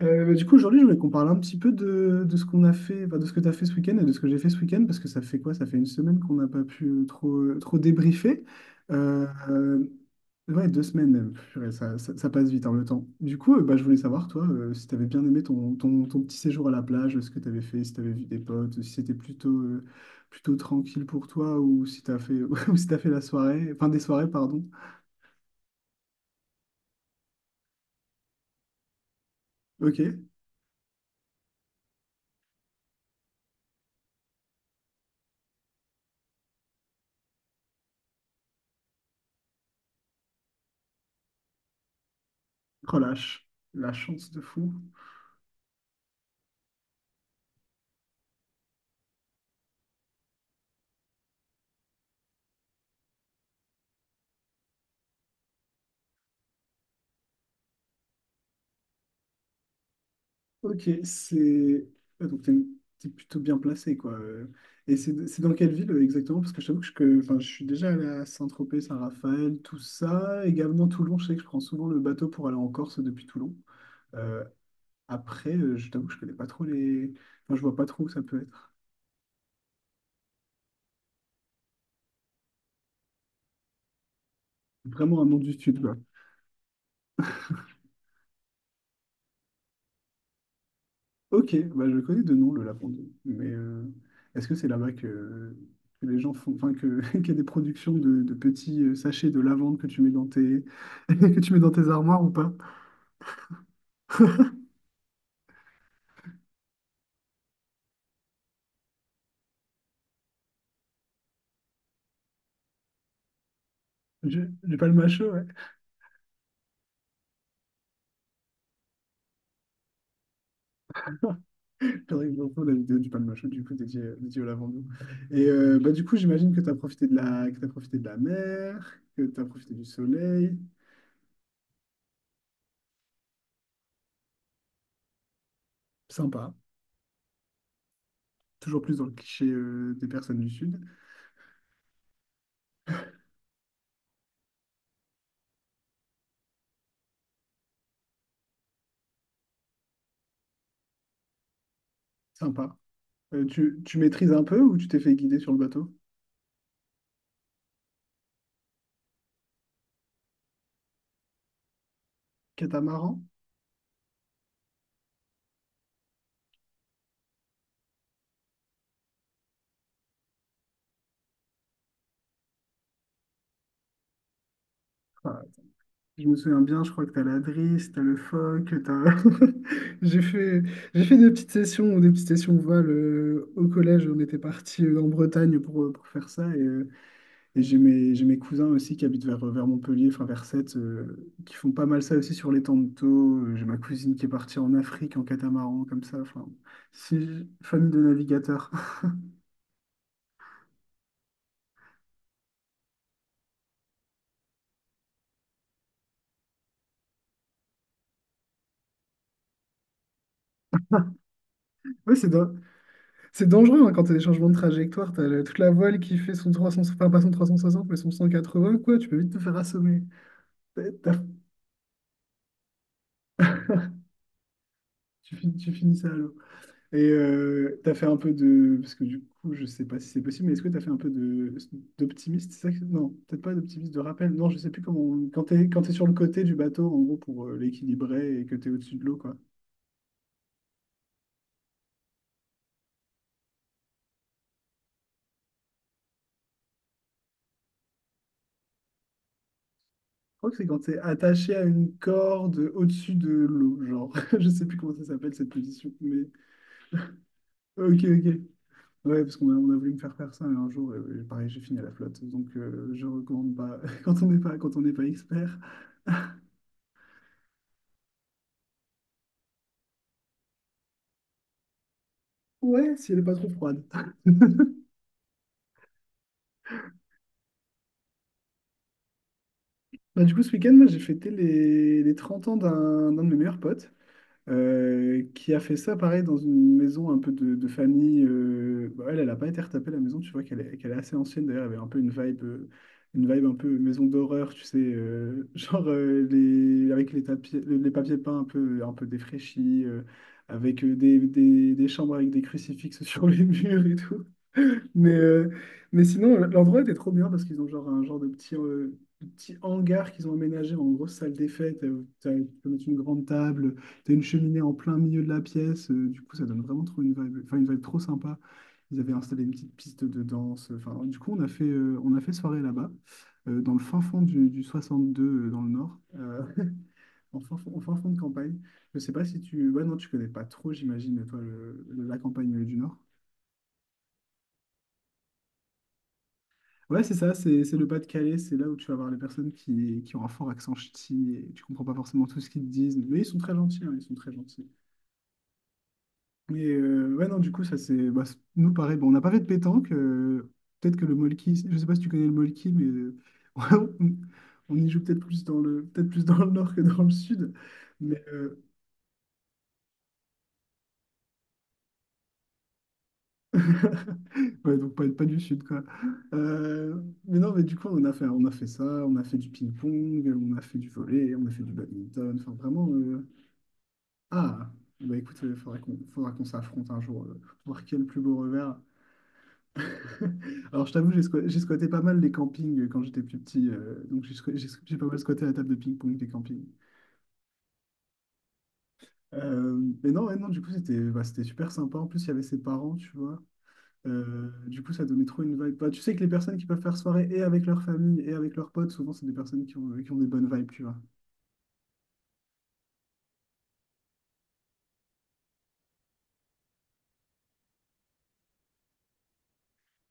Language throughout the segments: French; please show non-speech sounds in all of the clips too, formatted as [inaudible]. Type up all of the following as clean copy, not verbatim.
Bah, du coup, aujourd'hui, je voulais qu'on parle un petit peu de ce qu'on a fait, enfin, de ce que tu as fait ce week-end et de ce que j'ai fait ce week-end, parce que ça fait quoi? Ça fait une semaine qu'on n'a pas pu trop débriefer. Euh, euh, ouais, 2 semaines même. Purée, ça passe vite, hein, le temps. Du coup, bah, je voulais savoir, toi, si tu avais bien aimé ton petit séjour à la plage, ce que tu avais fait, si tu avais vu des potes, si c'était plutôt tranquille pour toi ou si tu as fait, [laughs] ou si tu fait la soirée, enfin des soirées, pardon. Ok, relâche. La chance de fou. Ok, c'est... Ah, donc, t'es plutôt bien placé, quoi. Et c'est dans quelle ville, exactement? Parce que je t'avoue que, enfin, je suis déjà allé à Saint-Tropez, Saint-Raphaël, tout ça. Également Toulon, je sais que je prends souvent le bateau pour aller en Corse depuis Toulon. Euh, Après, je t'avoue que je connais pas trop les... Enfin, je vois pas trop où ça peut être. Vraiment un nom du sud. Ok, bah je connais de nom le Lapon d'Eux, mais est-ce que c'est là-bas que les gens font, enfin que [laughs] qu'il y a des productions de petits sachets de lavande que tu mets dans tes [laughs] que tu mets dans tes armoires ou pas? Du palmachot, ouais. Faudrait que je retrouve la vidéo du palmachot, du coup dédié au lavande. Et bah, du coup, j'imagine que tu as profité de la que t'as profité de la mer, que tu as profité du soleil. Sympa. Toujours plus dans le cliché, des personnes du sud. Sympa. Tu maîtrises un peu ou tu t'es fait guider sur le bateau? Catamaran? Je me souviens bien, je crois que t'as la drisse, t'as le phoque, t'as... [laughs] J'ai fait, j'ai fait des petites sessions voile, au collège. On était parti en Bretagne pour faire ça. Et j'ai mes cousins aussi qui habitent vers Montpellier, enfin vers Sète, qui font pas mal ça aussi sur les temps de taux. J'ai ma cousine qui est partie en Afrique en catamaran, comme ça. Enfin, c'est famille de navigateurs. [laughs] Oui, c'est dangereux, hein, quand tu as des changements de trajectoire. Tu as toute la voile qui fait son 300, enfin pas son 360 mais son 180, quoi. Tu peux vite te faire assommer. T'as- t'as- tu finis ça à l'eau. Et t'as fait un peu de. Parce que du coup, je sais pas si c'est possible, mais est-ce que t'as fait un peu de d'optimiste? Non, peut-être pas d'optimiste, de rappel. Non, je sais plus comment. Quand quand t'es sur le côté du bateau, en gros, pour l'équilibrer et que t'es au-dessus de l'eau, quoi. Je crois que c'est quand t'es attaché à une corde au-dessus de l'eau, genre. [laughs] Je sais plus comment ça s'appelle cette position, mais. Ok, ok. Ouais, parce on a voulu me faire faire ça et un jour, pareil, j'ai fini à la flotte. Donc, je recommande pas [laughs] quand on n'est pas expert. Ouais, si elle est pas trop froide. Bah, du coup, ce week-end, moi, j'ai fêté les 30 ans d'un de mes meilleurs potes, qui a fait ça, pareil, dans une maison un peu de famille. Bah, elle, elle a pas été retapée, la maison. Tu vois qu'elle est assez ancienne. D'ailleurs, elle avait un peu une vibe un peu maison d'horreur, tu sais, [laughs] genre, avec tapis, les papiers peints un peu défraîchis, avec des chambres avec des crucifixes [laughs] sur les murs et tout. Mais, euh, mais sinon, l'endroit était trop bien parce qu'ils ont genre un genre de de petit hangar qu'ils ont aménagé en grosse salle des fêtes. Tu peux mettre une grande table, tu as une cheminée en plein milieu de la pièce. Du coup, ça donne vraiment trop une vibe, enfin, une vibe trop sympa. Ils avaient installé une petite piste de danse. Enfin, du coup, on a fait soirée là-bas, dans le fin fond du 62, dans le nord, [laughs] en fin fond de campagne. Je sais pas si tu... Ouais, non, tu connais pas trop, j'imagine, toi, la campagne, du nord. Ouais, c'est ça, c'est le Pas-de-Calais, c'est là où tu vas voir les personnes qui ont un fort accent ch'ti et tu comprends pas forcément tout ce qu'ils te disent, mais ils sont très gentils, hein, ils sont très gentils. Et ouais, non, du coup, ça c'est. Nous, pareil, bon, on n'a pas fait de pétanque, peut-être que le molki, je sais pas si tu connais le molki, mais [laughs] on, on y joue peut-être plus peut-être plus dans le nord que dans le sud, mais [laughs] ouais, donc pas du sud, quoi. Mais non, mais du coup, on a fait ça, on a fait du ping-pong, on a fait du volley, on a fait du badminton, enfin vraiment. Ah, bah écoute, il faudra qu'on s'affronte un jour, pour voir qui a le plus beau revers. [laughs] Alors, je t'avoue, j'ai squatté pas mal les campings, quand j'étais plus petit, donc j'ai pas mal squatté la table de ping-pong des campings. Euh, mais non, ouais, non, du coup, c'était bah, c'était super sympa. En plus, il y avait ses parents, tu vois. Du coup, ça donnait trop une vibe. Bah, tu sais que les personnes qui peuvent faire soirée et avec leur famille et avec leurs potes, souvent, c'est des personnes qui ont des bonnes vibes, tu vois.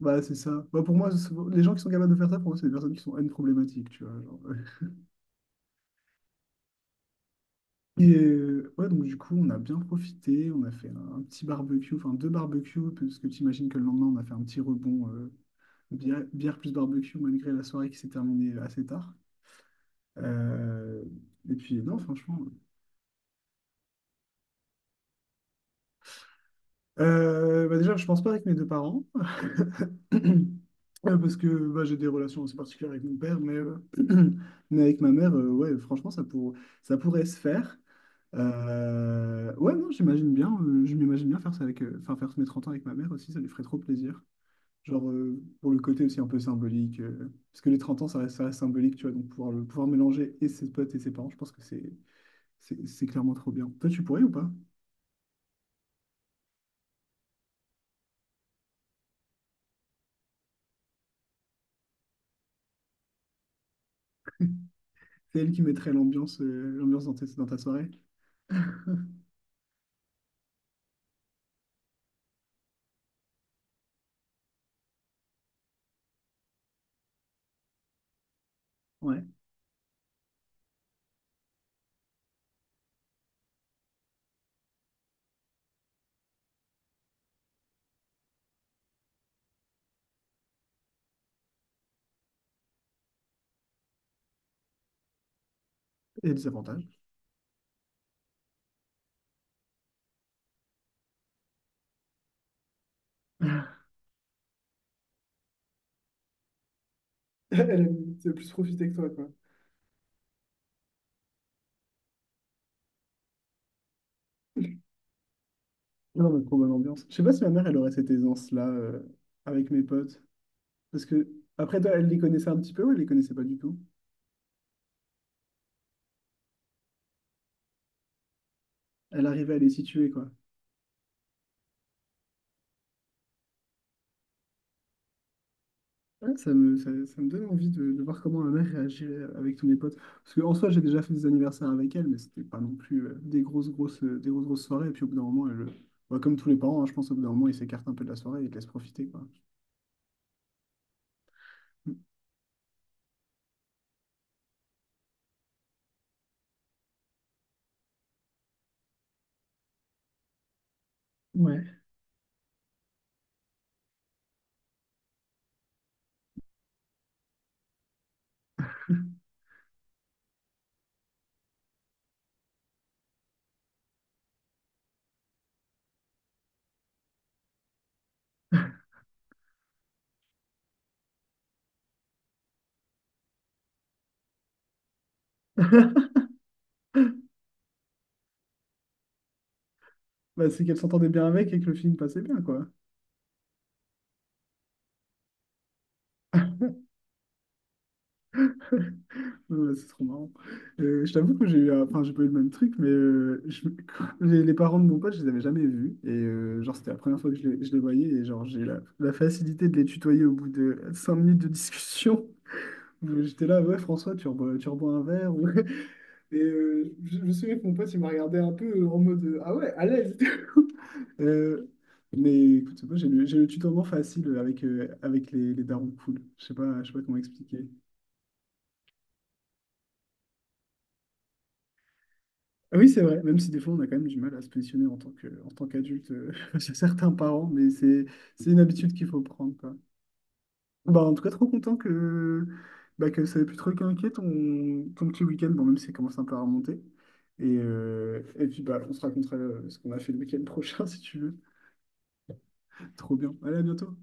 Bah, c'est ça. Bah, pour moi, les gens qui sont capables de faire ça, pour moi, c'est des personnes qui sont N problématiques, tu vois. Genre. Et ouais, donc du coup, on a bien profité, on a fait un petit barbecue, enfin deux barbecues, parce que tu imagines que le lendemain, on a fait un petit rebond, bière plus barbecue, malgré la soirée qui s'est terminée, assez tard. Euh, et puis, non, franchement. Bah déjà, je pense pas avec mes deux parents. [clears throat] Ouais, parce que bah, j'ai des relations assez particulières avec mon père, [clears throat] mais avec ma mère, ouais, franchement, ça pourrait se faire. Ouais, non, j'imagine bien, je m'imagine bien faire ça enfin, faire mes 30 ans avec ma mère aussi, ça lui ferait trop plaisir. Genre, pour le côté aussi un peu symbolique, parce que les 30 ans, ça reste symbolique, tu vois, donc pouvoir mélanger et ses potes et ses parents, je pense que c'est clairement trop bien. Toi, tu pourrais ou pas? C'est elle qui mettrait l'ambiance dans ta soirée. Ouais, et des avantages. [laughs] [laughs] Elle a plus profiter que toi, quoi. Non, mais trop bonne ambiance. Je sais pas si ma mère, elle aurait cette aisance-là, avec mes potes. Parce que, après, toi, elle les connaissait un petit peu ou elle les connaissait pas du tout? Elle arrivait à les situer, quoi. Ouais, ça me donne envie de voir comment ma mère réagirait avec tous mes potes. Parce qu'en soi, j'ai déjà fait des anniversaires avec elle, mais c'était pas non plus, des grosses, grosses soirées. Et puis au bout d'un moment, bah, comme tous les parents, hein, je pense, au bout d'un moment, ils s'écartent un peu de la soirée et ils te laissent profiter, quoi. Ouais. [laughs] Bah, c'est qu'elle s'entendait bien avec et que le film passait bien, quoi. Ouais, c'est trop marrant. Je t'avoue que enfin, j'ai pas eu le même truc, mais [laughs] les parents de mon pote, je les avais jamais vus. Et genre, c'était la première fois que je les voyais. Et genre, j'ai eu la facilité de les tutoyer au bout de 5 minutes de discussion. [laughs] J'étais là, ouais, François, tu rebois un verre. [laughs] Et je me souviens que mon pote, il m'a regardé un peu, en mode, ah ouais, à l'aise. [laughs] Euh, mais écoute, moi, j'ai le tutoiement facile avec les darons cool. Je sais pas comment expliquer. Ah oui, c'est vrai, même si des fois on a quand même du mal à se positionner en tant qu'adulte, [laughs] chez certains parents, mais c'est une habitude qu'il faut prendre, quoi. Bah, en tout cas, trop content que ça ait pu te requinquer ton petit week-end, bon, même si ça commence un peu à remonter. Et puis, bah, on se racontera, ce qu'on a fait le week-end prochain, [laughs] si tu veux. Trop bien. Allez, à bientôt.